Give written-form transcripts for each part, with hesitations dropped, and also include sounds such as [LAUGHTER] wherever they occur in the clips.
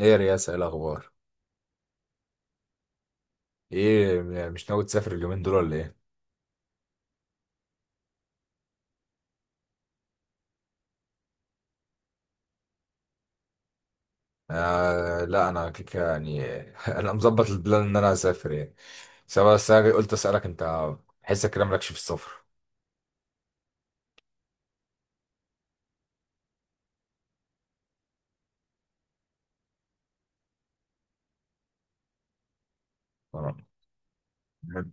ايه يا رياسة، ايه الاخبار؟ ايه مش ناوي تسافر اليومين دول ولا ايه؟ آه لا، انا كيكه يعني. [LAUGHS] انا مظبط البلان ان انا اسافر يعني، سواء. بس أنا قلت اسالك انت، حسك كده مالكش في السفر. تمام. انت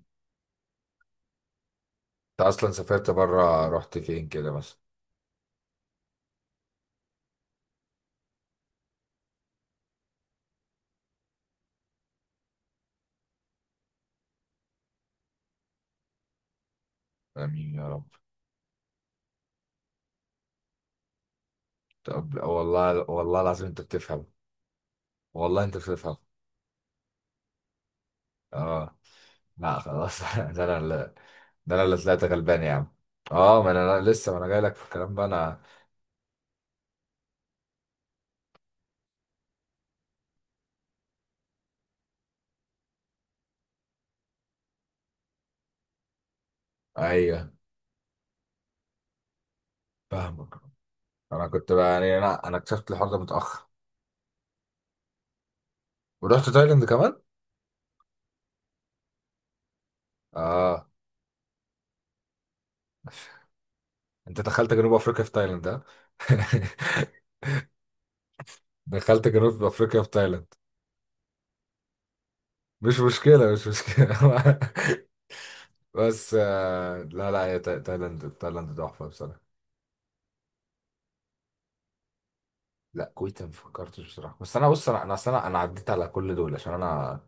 اصلا سافرت بره، رحت فين كده مثلا؟ امين يا رب. طب والله، والله العظيم انت بتفهم. والله انت بتفهم. اه لا خلاص. [LAUGHS] ده انا اللي، ده انا اللي طلعت غلبان يا عم. اه، ما انا أنا لسه، ما انا جاي لك في الكلام بقى انا. ايوه، فاهمك. انا كنت بقى يعني، انا اكتشفت الحوار ده متاخر. ورحت تايلاند كمان؟ اه، انت دخلت جنوب افريقيا في تايلاند ها؟ [LAUGHS] دخلت جنوب افريقيا في تايلاند. مش مشكله. [LAUGHS] بس آه لا لا، هي تايلاند تحفه بصراحه. لا كويت ما فكرتش بصراحه. بس انا بص، انا أصل، انا عديت على كل دول عشان انا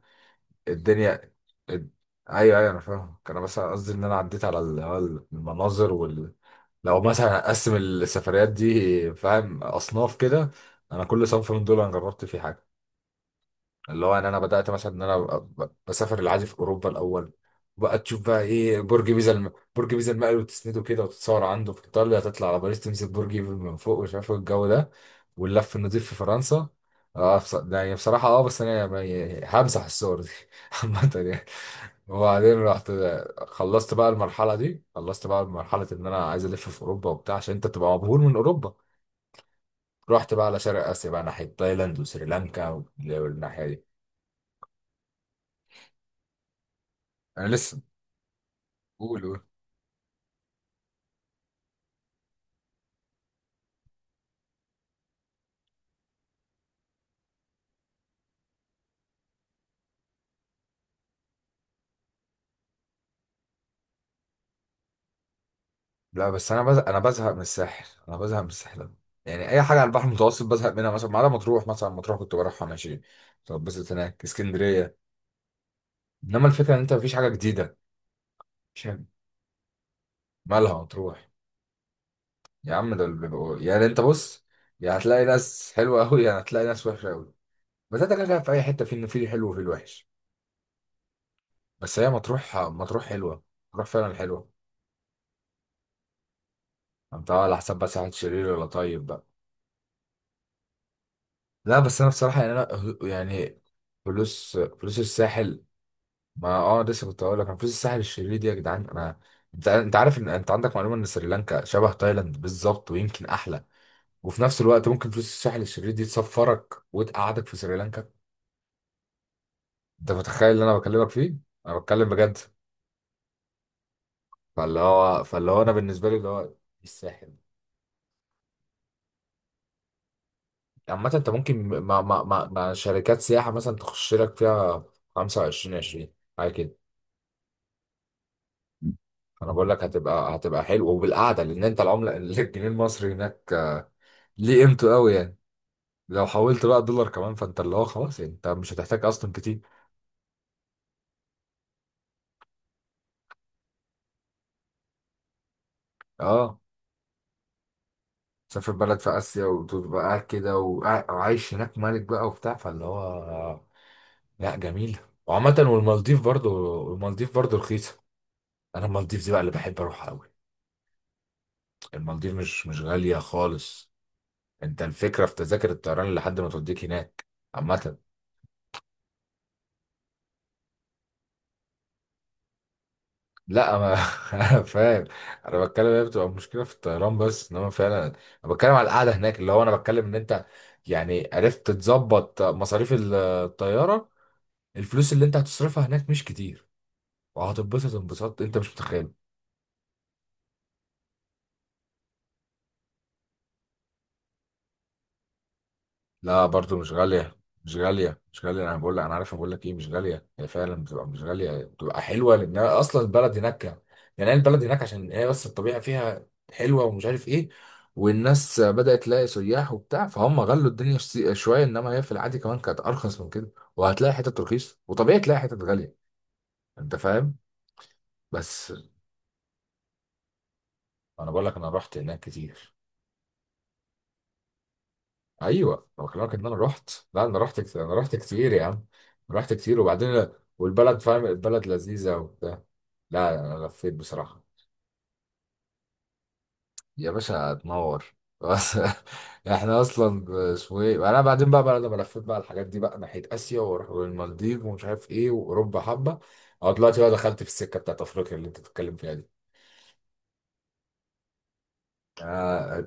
الدنيا، الد- ايوه ايوه انا فاهم. انا بس قصدي ان انا عديت على على المناظر وال... لو مثلا اقسم السفريات دي فاهم، اصناف كده، انا كل صنف من دول انا جربت فيه حاجه. اللي هو ان انا بدات مثلا ان انا بسافر العادي في اوروبا الاول. بقى تشوف بقى ايه، برج بيزا المقل وتسنده كده وتتصور عنده في ايطاليا، تطلع على باريس تمسك برج ايفل من فوق ومش عارف إيه الجو ده، واللف النضيف في فرنسا. اه بص، ده يعني بصراحه اه، بس انا يعني همسح الصور دي. [LAUGHS] عامه يعني. وبعدين رحت، خلصت بقى المرحله دي، خلصت بقى مرحله ان انا عايز الف في اوروبا وبتاع، عشان انت تبقى مبهور من اوروبا. رحت بقى على شرق اسيا بقى، ناحيه تايلاند وسريلانكا والناحيه دي. انا لسه، قول قول. لا بس انا بزهق، انا بزهق من الساحل، انا بزهق من الساحل أوي. يعني اي حاجه على البحر المتوسط بزهق منها، مثلا ما عدا مطروح. مثلا مطروح كنت بروحها ماشي، طب بس هناك اسكندريه. انما الفكره ان انت مفيش حاجه جديده. مش عارف. مالها مطروح؟ يا عم ده اللي يعني انت بص، يا هتلاقي ناس حلوه قوي، يا هتلاقي ناس وحشه قوي. بس انت كده كده في اي حته، في الحلو وفي الوحش. بس هي مطروح حلوه. مطروح فعلا حلوه. انت على حسب بس، واحد شرير ولا طيب بقى. لا بس انا بصراحه يعني، انا يعني فلوس الساحل. ما اه، لسه كنت هقول لك انا فلوس الساحل الشرير دي يا جدعان. انا، انت عارف ان انت عندك معلومه ان سريلانكا شبه تايلاند بالظبط ويمكن احلى، وفي نفس الوقت ممكن فلوس الساحل الشرير دي تسفرك وتقعدك في سريلانكا. انت متخيل اللي انا بكلمك فيه؟ انا بتكلم بجد. فاللي هو انا بالنسبه لي، اللي هو الساحل. عامه انت ممكن مع شركات سياحه مثلا تخش لك فيها، 25 20 حاجه كده. انا بقول لك هتبقى، هتبقى حلو وبالقعده، لان انت العمله [LAUGHS] الجنيه المصري هناك ليه قيمته قوي يعني. لو حولت بقى دولار كمان، فانت اللي هو خلاص يعني، انت مش هتحتاج اصلا كتير. اه، تسافر بلد في اسيا وتبقى قاعد كده، وعايش هناك ملك بقى وبتاع، فاللي هو لا جميل. وعامة والمالديف برضو، المالديف برضو رخيصة. انا المالديف دي بقى اللي بحب اروح قوي. المالديف مش غالية خالص. انت الفكرة في تذاكر الطيران لحد ما توديك هناك. عامة لا، ما [LAUGHS] انا فاهم. انا بتكلم، هي بتبقى مشكله في الطيران بس، انما فعلا انا بتكلم على القعده هناك، اللي هو انا بتكلم ان انت يعني عرفت تظبط مصاريف الطياره. الفلوس اللي انت هتصرفها هناك مش كتير، وهتتبسط انبساط انت مش متخيل. لا برضو مش غالية، مش غالية. أنا بقول لك أنا عارف. أنا بقول لك إيه، مش غالية. هي فعلا بتبقى مش غالية، بتبقى حلوة، لأن أصلا البلد هناك، يعني هي البلد هناك عشان هي بس الطبيعة فيها حلوة ومش عارف إيه، والناس بدأت تلاقي سياح وبتاع فهم غلوا الدنيا شوية، إنما هي في العادي كمان كانت أرخص من كده. وهتلاقي حتت رخيص وطبيعي تلاقي حتت غالية، أنت فاهم. بس أنا بقول لك أنا رحت هناك كتير. ايوه انا بكلمك ان انا رحت. لا انا رحت كتير، انا رحت كتير يا عم. رحت كتير وبعدين، والبلد فاهم، البلد لذيذه وبتاع. لا انا لفيت بصراحه. يا باشا تنور. بس [LAUGHS] احنا اصلا اسمه ايه، انا بعدين بقى، لما لفيت بقى الحاجات دي بقى ناحيه اسيا واروح للمالديف ومش عارف ايه واوروبا حبه، اه دلوقتي بقى دخلت في السكه بتاعت افريقيا اللي انت بتتكلم فيها دي. آه،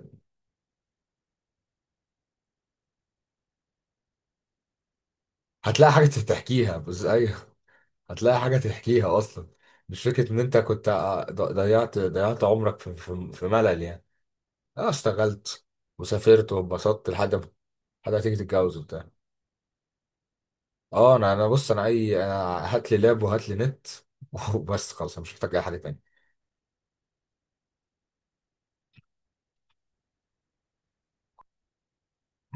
هتلاقي حاجه تحكيها بس، ايوه. هتلاقي حاجة تحكيها أصلا. مش فكرة إن أنت كنت ضيعت، ضيعت عمرك في ملل يعني. أه، اشتغلت وسافرت واتبسطت لحد ما، لحد ما تيجي تتجوز وبتاع. أه، أنا بص، أنا هات لي لاب وهات لي نت، [LAUGHS] وبس خلاص، أنا مش محتاج أي حاجة تانية.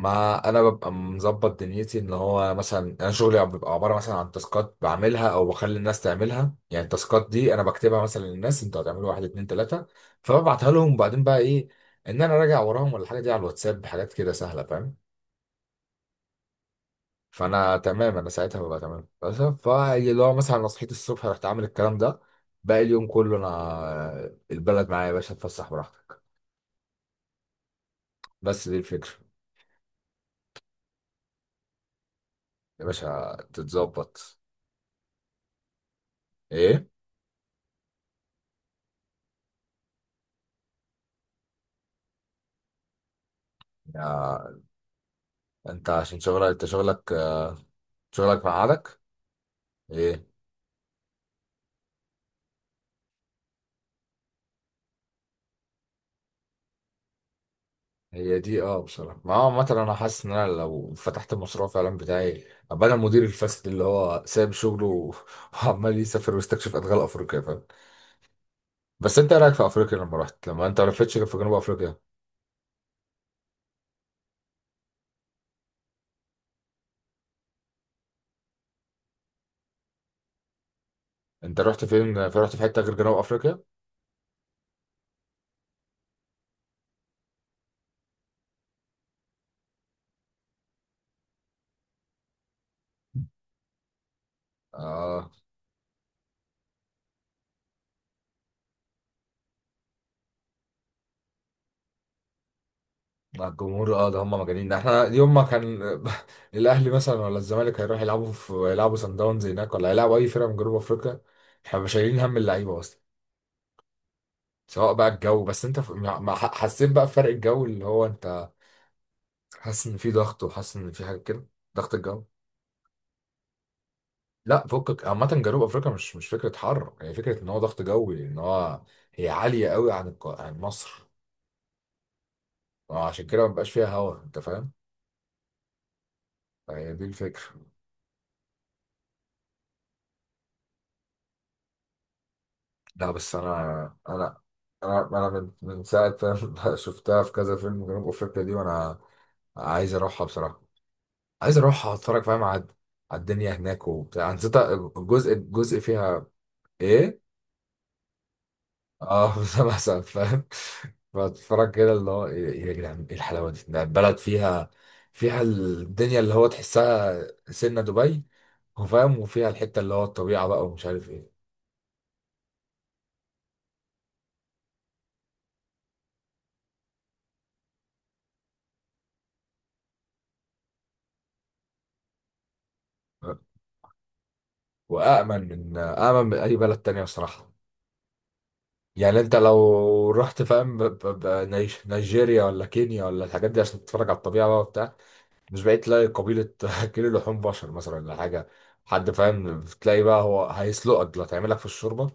ما انا ببقى مظبط دنيتي، ان هو مثلا انا شغلي بيبقى عباره مثلا عن تاسكات بعملها او بخلي الناس تعملها. يعني التاسكات دي انا بكتبها مثلا للناس، انتوا هتعملوا واحد اتنين تلاته، فببعتها لهم، وبعدين بقى ايه، ان انا راجع وراهم ولا حاجه، دي على الواتساب حاجات كده سهله فاهم. فانا تمام، انا ساعتها ببقى تمام. بس فاللي هو مثلا انا صحيت الصبح رحت عامل الكلام ده، باقي اليوم كله انا البلد معايا يا باشا، اتفسح براحتك. بس دي الفكره. يا باشا تتظبط. ايه، انت عشان شغلك، انت شغلك، شغلك مقعدك. ايه، هي دي اه بصراحه. ما هو مثلا انا حاسس ان انا لو فتحت المشروع فعلا بتاعي، ابقى انا المدير الفاسد اللي هو سايب شغله و- [LAUGHS] وعمال يسافر ويستكشف ادغال افريقيا فاهم. بس انت إيه رايك في افريقيا لما رحت، لما انت ما لفتش غير في جنوب افريقيا؟ انت رحت فين، في رحت في حته غير جنوب افريقيا؟ اه، مع الجمهور اه، ده هم مجانين. ده احنا يوم ما كان [LAUGHS] الاهلي مثلا ولا الزمالك هيروح يلعبوا، في يلعبوا سان داونز هناك ولا هيلعبوا اي فرقه من جنوب افريقيا، احنا مش شايلين هم اللعيبه اصلا، سواء بقى الجو. بس انت ف... حسيت بقى بفرق الجو اللي هو انت حاسس ان في ضغط، وحاسس ان في حاجه كده، ضغط الجو. لا فكك، عامه جنوب افريقيا مش مش فكره حر، هي فكره ان هو ضغط جوي، ان هو هي عاليه قوي عن عن مصر، عشان كده ما بقاش فيها هوا، انت فاهم. هي دي الفكره. لا بس انا، انا انا من ساعه ما [LAUGHS] شفتها في كذا فيلم جنوب افريقيا دي وانا عايز اروحها بصراحه. عايز اروحها اتفرج فاهم على على الدنيا هناك وبتاع. أنا نسيت الجزء فيها ايه. اه [LAUGHS] مثلا فاهم، بتفرج كده اللي هو ايه، إيه يا جدعان ايه الحلاوه دي؟ ده البلد فيها، فيها الدنيا اللي هو تحسها سنه دبي وفاهم، وفيها الحته اللي هو الطبيعه بقى ومش عارف ايه. وامن، من اي بلد تانية بصراحه. يعني انت لو رحت فاهم نيجيريا ولا كينيا ولا الحاجات دي عشان تتفرج على الطبيعه بقى وبتاع، مش بقيت تلاقي قبيلة [LAUGHS] كيلو لحوم بشر مثلا ولا حاجة، حد فاهم، بتلاقي بقى هو هيسلقك دلوقتي هيعملك في الشوربة،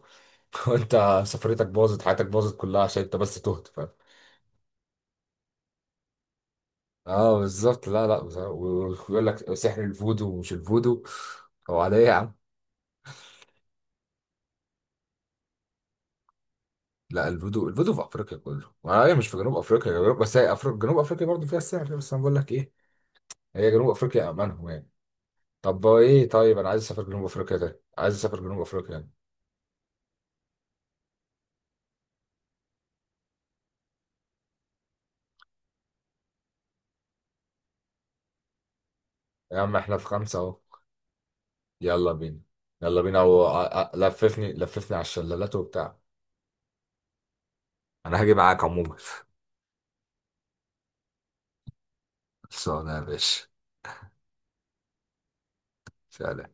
[LAUGHS] وانت سفريتك باظت، حياتك باظت كلها عشان انت بس تهت فاهم. اه بالظبط. لا لا بصراحة. ويقول لك سحر الفودو ومش الفودو هو على ايه يا عم؟ لا الفودو، الفودو في افريقيا كله، هي مش في جنوب افريقيا، جنوب. بس هي أفريقيا، جنوب افريقيا برضه فيها السحر. بس انا بقول لك ايه، هي جنوب افريقيا امانهم يعني. طب ايه طيب، انا عايز اسافر جنوب افريقيا، ده عايز اسافر جنوب افريقيا يعني. يا عم احنا في خمسة اهو. يلا بينا. يلا بينا و... لففني، لففني على الشلالات وبتاع. انا هاجي معاك عموما. [LAUGHS] خلصانه يا باشا. سلام.